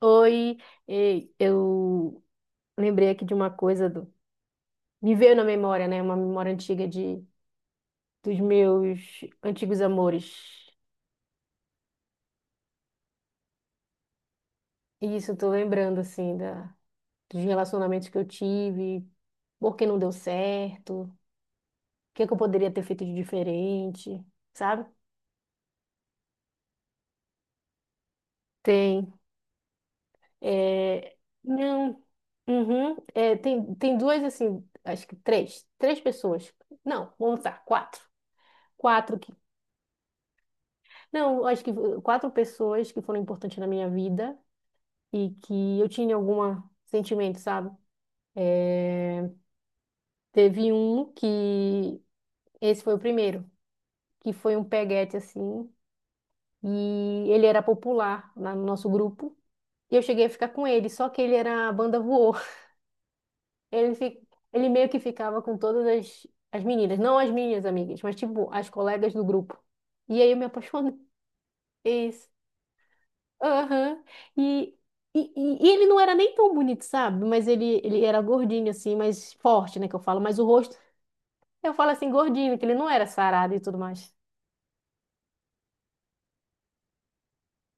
Oi, ei, eu lembrei aqui de uma coisa Me veio na memória, né? Uma memória antiga de dos meus antigos amores. E isso eu tô lembrando assim da dos relacionamentos que eu tive, por que não deu certo, o que que eu poderia ter feito de diferente, sabe? Tem, é, não, uhum, é, tem duas assim, acho que três pessoas. Não, vamos lá, quatro. Quatro que. Não, acho que quatro pessoas que foram importantes na minha vida e que eu tinha algum sentimento, sabe? Eh, Teve um que, esse foi o primeiro, que foi um peguete assim, e ele era popular lá no nosso grupo, e eu cheguei a ficar com ele, só que ele era a banda voou. Ele, fi- ele meio que ficava com todas as meninas, não as minhas amigas, mas tipo, as colegas do grupo. E aí eu me apaixonei. Aham. E, e ele não era nem tão bonito, sabe? Mas ele era gordinho, assim, mais forte, né? Que eu falo. Mas o rosto, eu falo assim, gordinho, que ele não era sarado e tudo mais.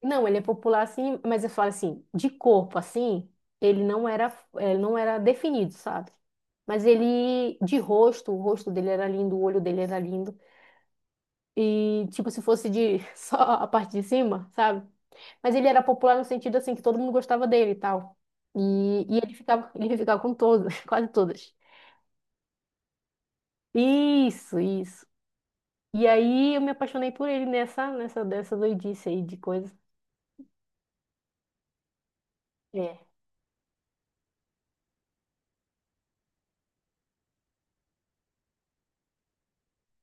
Não, ele é popular, assim, mas eu falo assim, de corpo, assim, ele não era definido, sabe? Mas ele, de rosto, o rosto dele era lindo, o olho dele era lindo. E, tipo, se fosse de só a parte de cima, sabe? Mas ele era popular no sentido assim que todo mundo gostava dele e tal. E, e, ele ficava com todas, quase todas. Isso, isso. E aí eu me apaixonei por ele dessa doidice aí de coisa. É.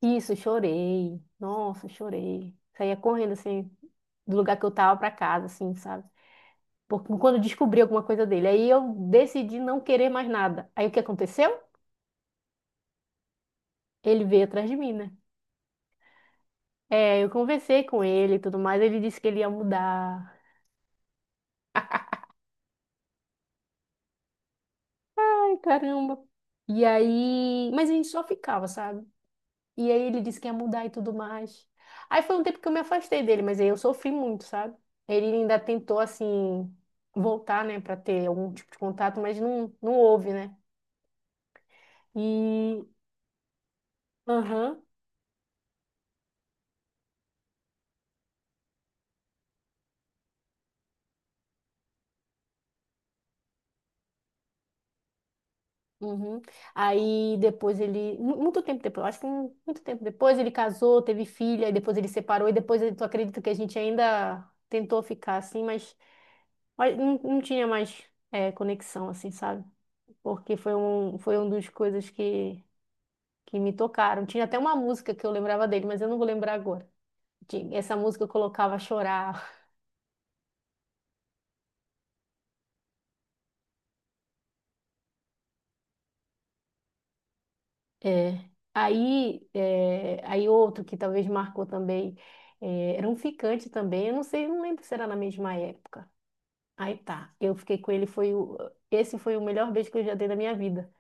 Isso, chorei. Nossa, chorei. Saía correndo assim do lugar que eu tava pra casa, assim, sabe? Porque quando eu descobri alguma coisa dele, aí eu decidi não querer mais nada. Aí o que aconteceu? Ele veio atrás de mim, né? É, eu conversei com ele e tudo mais. Ele disse que ele ia mudar. Caramba. E aí, mas a gente só ficava, sabe? E aí ele disse que ia mudar e tudo mais. Aí foi um tempo que eu me afastei dele, mas aí eu sofri muito, sabe? Ele ainda tentou assim voltar, né, pra ter algum tipo de contato, mas não não houve, né? E aham, uhum. Aí depois ele, muito tempo depois, acho que muito tempo depois ele casou, teve filha, e depois ele separou e depois tu acredita que a gente ainda tentou ficar assim, mas não, não tinha mais conexão assim, sabe? Porque foi um dos coisas que me tocaram. Tinha até uma música que eu lembrava dele, mas eu não vou lembrar agora. Essa música eu colocava a chorar. É. Aí outro que talvez marcou também, é, era um ficante também, eu não sei, não lembro se era na mesma época. Aí tá, eu fiquei com ele, esse foi o melhor beijo que eu já dei na minha vida.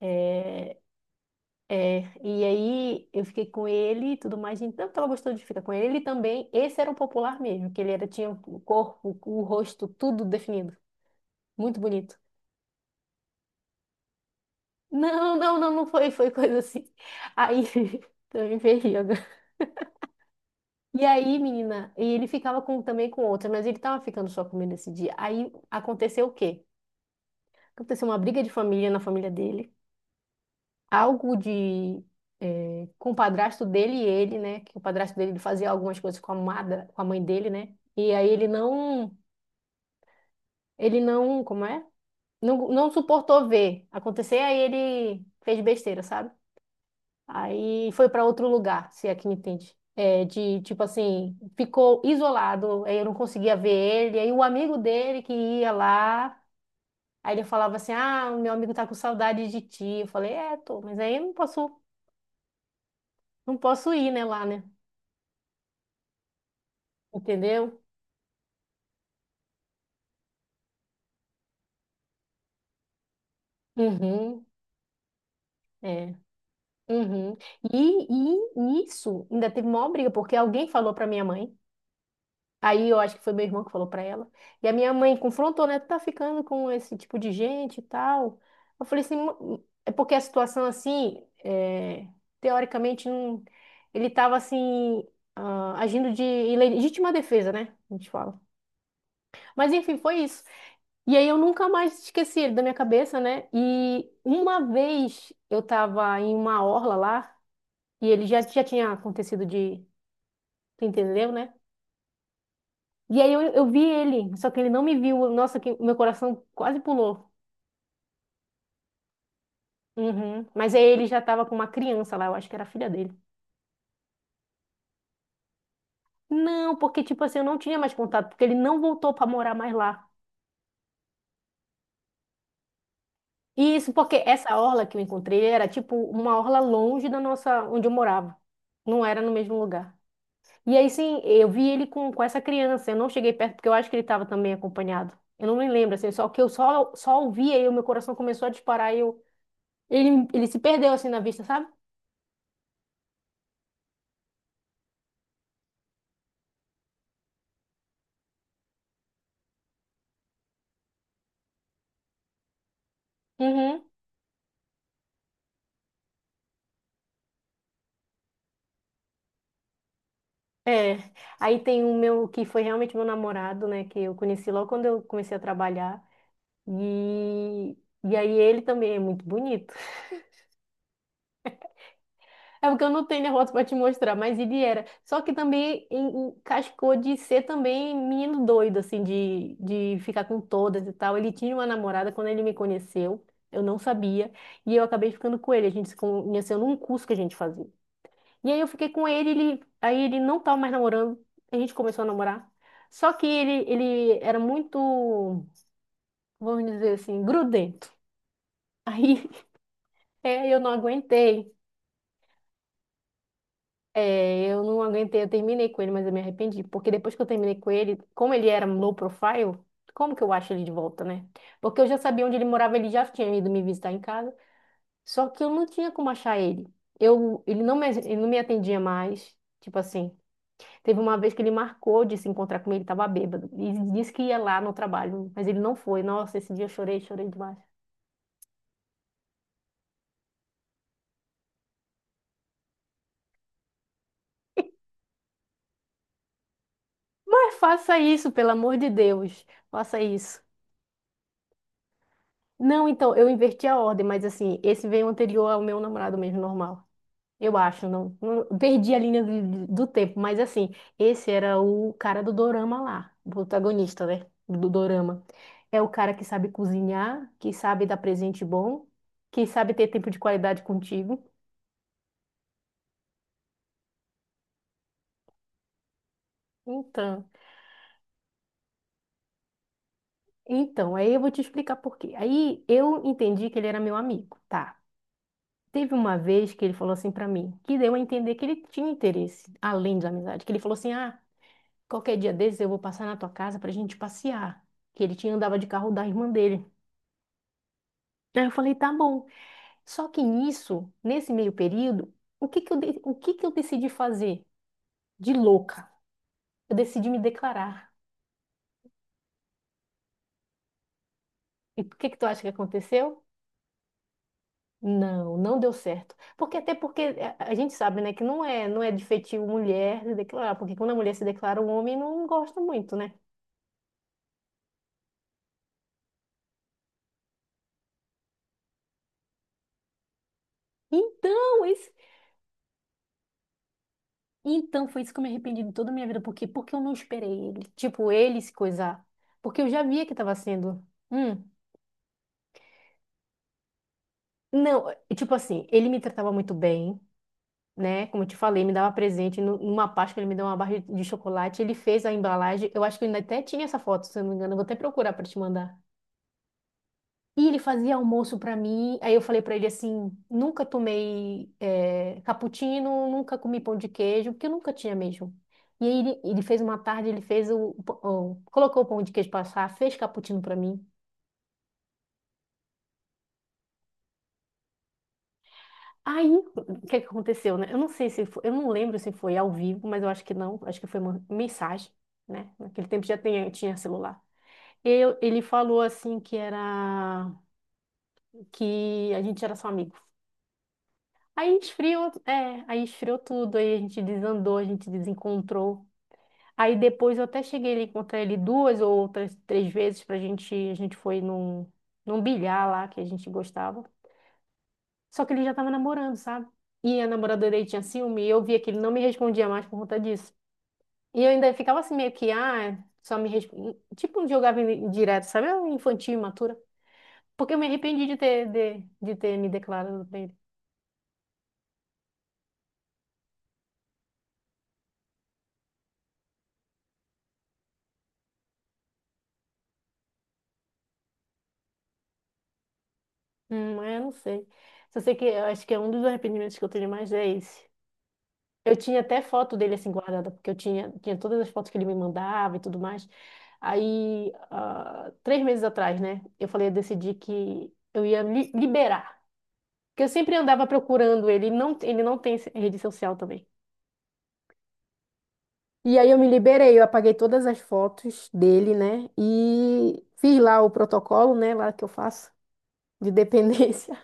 É, é, e aí eu fiquei com ele e tudo mais, gente, tanto ela gostou de ficar com ele, ele também, esse era um popular mesmo, que ele era, tinha o corpo, o rosto, tudo definido, muito bonito. Não, não, não, não foi, foi coisa assim. Aí, eu me agora. E aí, menina, e ele ficava com, também com outra, mas ele tava ficando só comigo nesse dia. Aí, aconteceu o quê? Aconteceu uma briga de família na família dele, algo de com o padrasto dele e ele, né? Que o padrasto dele ele fazia algumas coisas com a amada, com a mãe dele, né? E aí ele não, como é? Não, não suportou ver acontecer, aí ele fez besteira, sabe? Aí foi para outro lugar, se é que me entende. É, de tipo assim, ficou isolado, aí eu não conseguia ver ele, aí o amigo dele que ia lá, aí ele falava assim: "Ah, o meu amigo tá com saudade de ti". Eu falei: "É, tô, mas aí eu não posso ir, né, lá, né?" Entendeu? Uhum, é. Uhum. E, e isso ainda teve maior briga, porque alguém falou pra minha mãe. Aí eu acho que foi meu irmão que falou pra ela. E a minha mãe confrontou, né? Tu tá ficando com esse tipo de gente e tal. Eu falei assim, é porque a situação assim, teoricamente, não, ele tava assim, agindo de em legítima defesa, né? A gente fala. Mas enfim, foi isso. E aí eu nunca mais esqueci ele da minha cabeça, né? E uma vez eu tava em uma orla lá, e ele já tinha acontecido de... Tu entendeu, né? E aí eu vi ele, só que ele não me viu. Nossa, que meu coração quase pulou. Uhum. Mas aí ele já tava com uma criança lá, eu acho que era a filha dele. Não, porque tipo assim, eu não tinha mais contato, porque ele não voltou pra morar mais lá. E isso porque essa orla que eu encontrei era tipo uma orla longe da nossa, onde eu morava. Não era no mesmo lugar. E aí, sim, eu vi ele com essa criança. Eu não cheguei perto porque eu acho que ele estava também acompanhado. Eu não me lembro, assim, só que eu só ouvi aí, o meu coração começou a disparar e ele se perdeu, assim, na vista, sabe? Uhum. É. Aí tem o meu, que foi realmente meu namorado, né, que eu conheci logo quando eu comecei a trabalhar. E, e aí ele também é muito bonito. É porque eu não tenho derrota pra te mostrar, mas ele era. Só que também encascou de ser também menino doido, assim, de ficar com todas e tal. Ele tinha uma namorada quando ele me conheceu, eu não sabia, e eu acabei ficando com ele. A gente se conheceu num curso que a gente fazia. E aí eu fiquei com ele, ele, aí ele não tava mais namorando, a gente começou a namorar. Só que ele era muito, vamos dizer assim, grudento. Aí é, eu não aguentei. É, eu não aguentei, eu terminei com ele, mas eu me arrependi. Porque depois que eu terminei com ele, como ele era low profile, como que eu acho ele de volta, né? Porque eu já sabia onde ele morava, ele já tinha ido me visitar em casa. Só que eu não tinha como achar ele. Ele não me atendia mais. Tipo assim, teve uma vez que ele marcou de se encontrar comigo, ele tava bêbado. E disse que ia lá no trabalho, mas ele não foi. Nossa, esse dia eu chorei, chorei demais. Mas faça isso, pelo amor de Deus. Faça isso. Não, então, eu inverti a ordem, mas assim, esse veio anterior ao meu namorado mesmo, normal. Eu acho, não, perdi a linha do tempo, mas assim, esse era o cara do dorama lá, o protagonista, né, do dorama. É o cara que sabe cozinhar, que sabe dar presente bom, que sabe ter tempo de qualidade contigo. Então, então, aí eu vou te explicar por quê. Aí eu entendi que ele era meu amigo, tá? Teve uma vez que ele falou assim pra mim, que deu a entender que ele tinha interesse, além da amizade, que ele falou assim, ah, qualquer dia desses eu vou passar na tua casa pra gente passear. Que ele tinha andava de carro da irmã dele. Aí eu falei, tá bom. Só que nisso, nesse meio período, o que que eu, o que que eu decidi fazer? De louca. Eu decidi me declarar. E o que que tu acha que aconteceu? Não, não deu certo. Porque até porque é, a gente sabe, né, que não é, não é de feitio mulher se declarar, porque quando a mulher se declara, o homem não gosta muito, né? Então, esse. Então, foi isso que eu me arrependi de toda a minha vida. Por quê? Porque eu não esperei ele. Tipo, ele se coisar. Porque eu já via que tava sendo. Hum. Não, tipo assim, ele me tratava muito bem, né? Como eu te falei, me dava presente. Numa Páscoa, ele me deu uma barra de chocolate. Ele fez a embalagem. Eu acho que ele ainda até tinha essa foto, se eu não me engano. Eu vou até procurar pra te mandar. E ele fazia almoço pra mim. Aí eu falei pra ele assim: nunca tomei cappuccino, nunca comi pão de queijo, porque eu nunca tinha mesmo. E aí ele fez uma tarde, ele fez colocou o pão de queijo pra assar, fez cappuccino pra mim. Aí, o que é que aconteceu, né? Eu não sei se foi, eu não lembro se foi ao vivo, mas eu acho que não, acho que foi uma mensagem, né? Naquele tempo já tinha, tinha celular. Eu, ele falou assim que era que a gente era só amigo. Aí esfriou tudo, aí a gente desandou, a gente desencontrou. Aí depois eu até cheguei a encontrar ele duas ou outras, três vezes pra gente, a gente foi num, num bilhar lá que a gente gostava. Só que ele já tava namorando, sabe? E a namorada dele tinha ciúme e eu via que ele não me respondia mais por conta disso. E eu ainda ficava assim meio que, ah, só me responde. Tipo, jogava direto, sabe? Eu infantil, imatura. Porque eu me arrependi de ter, de ter me declarado pra ele. É, eu não sei. Só sei que eu acho que é um dos arrependimentos que eu tenho mais é esse. Eu tinha até foto dele assim guardada, porque eu tinha todas as fotos que ele me mandava e tudo mais. Aí, ah, três meses atrás, né, eu falei, eu decidi que eu ia liberar. Porque eu sempre andava procurando ele, ele não tem rede social também. E aí eu me liberei, eu apaguei todas as fotos dele, né, e fiz lá o protocolo, né, lá que eu faço de dependência.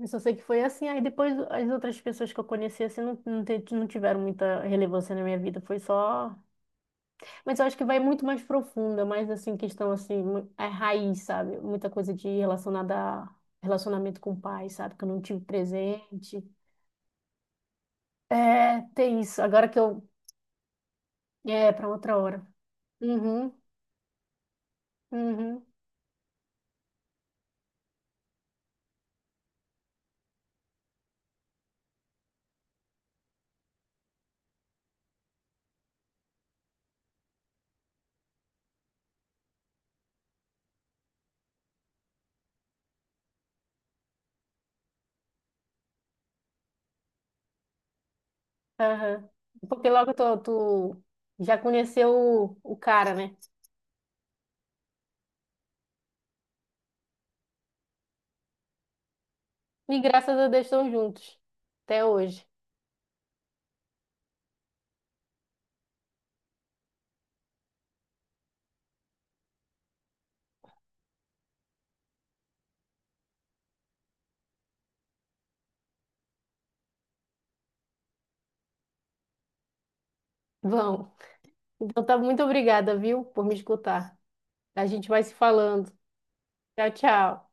Eu só sei que foi assim. Aí depois as outras pessoas que eu conheci assim não, não tiveram muita relevância na minha vida. Foi só. Mas eu acho que vai muito mais profunda, mais assim, questão assim, é raiz, sabe? Muita coisa de relacionada a relacionamento com o pai, sabe? Que eu não tive presente. É, tem isso. Agora que eu. É, para outra hora. Uhum, uhum, aham. Porque logo tu já conheceu o cara, né? E graças a Deus estão juntos. Até hoje. Vão. Então tá, muito obrigada, viu, por me escutar. A gente vai se falando. Tchau, tchau.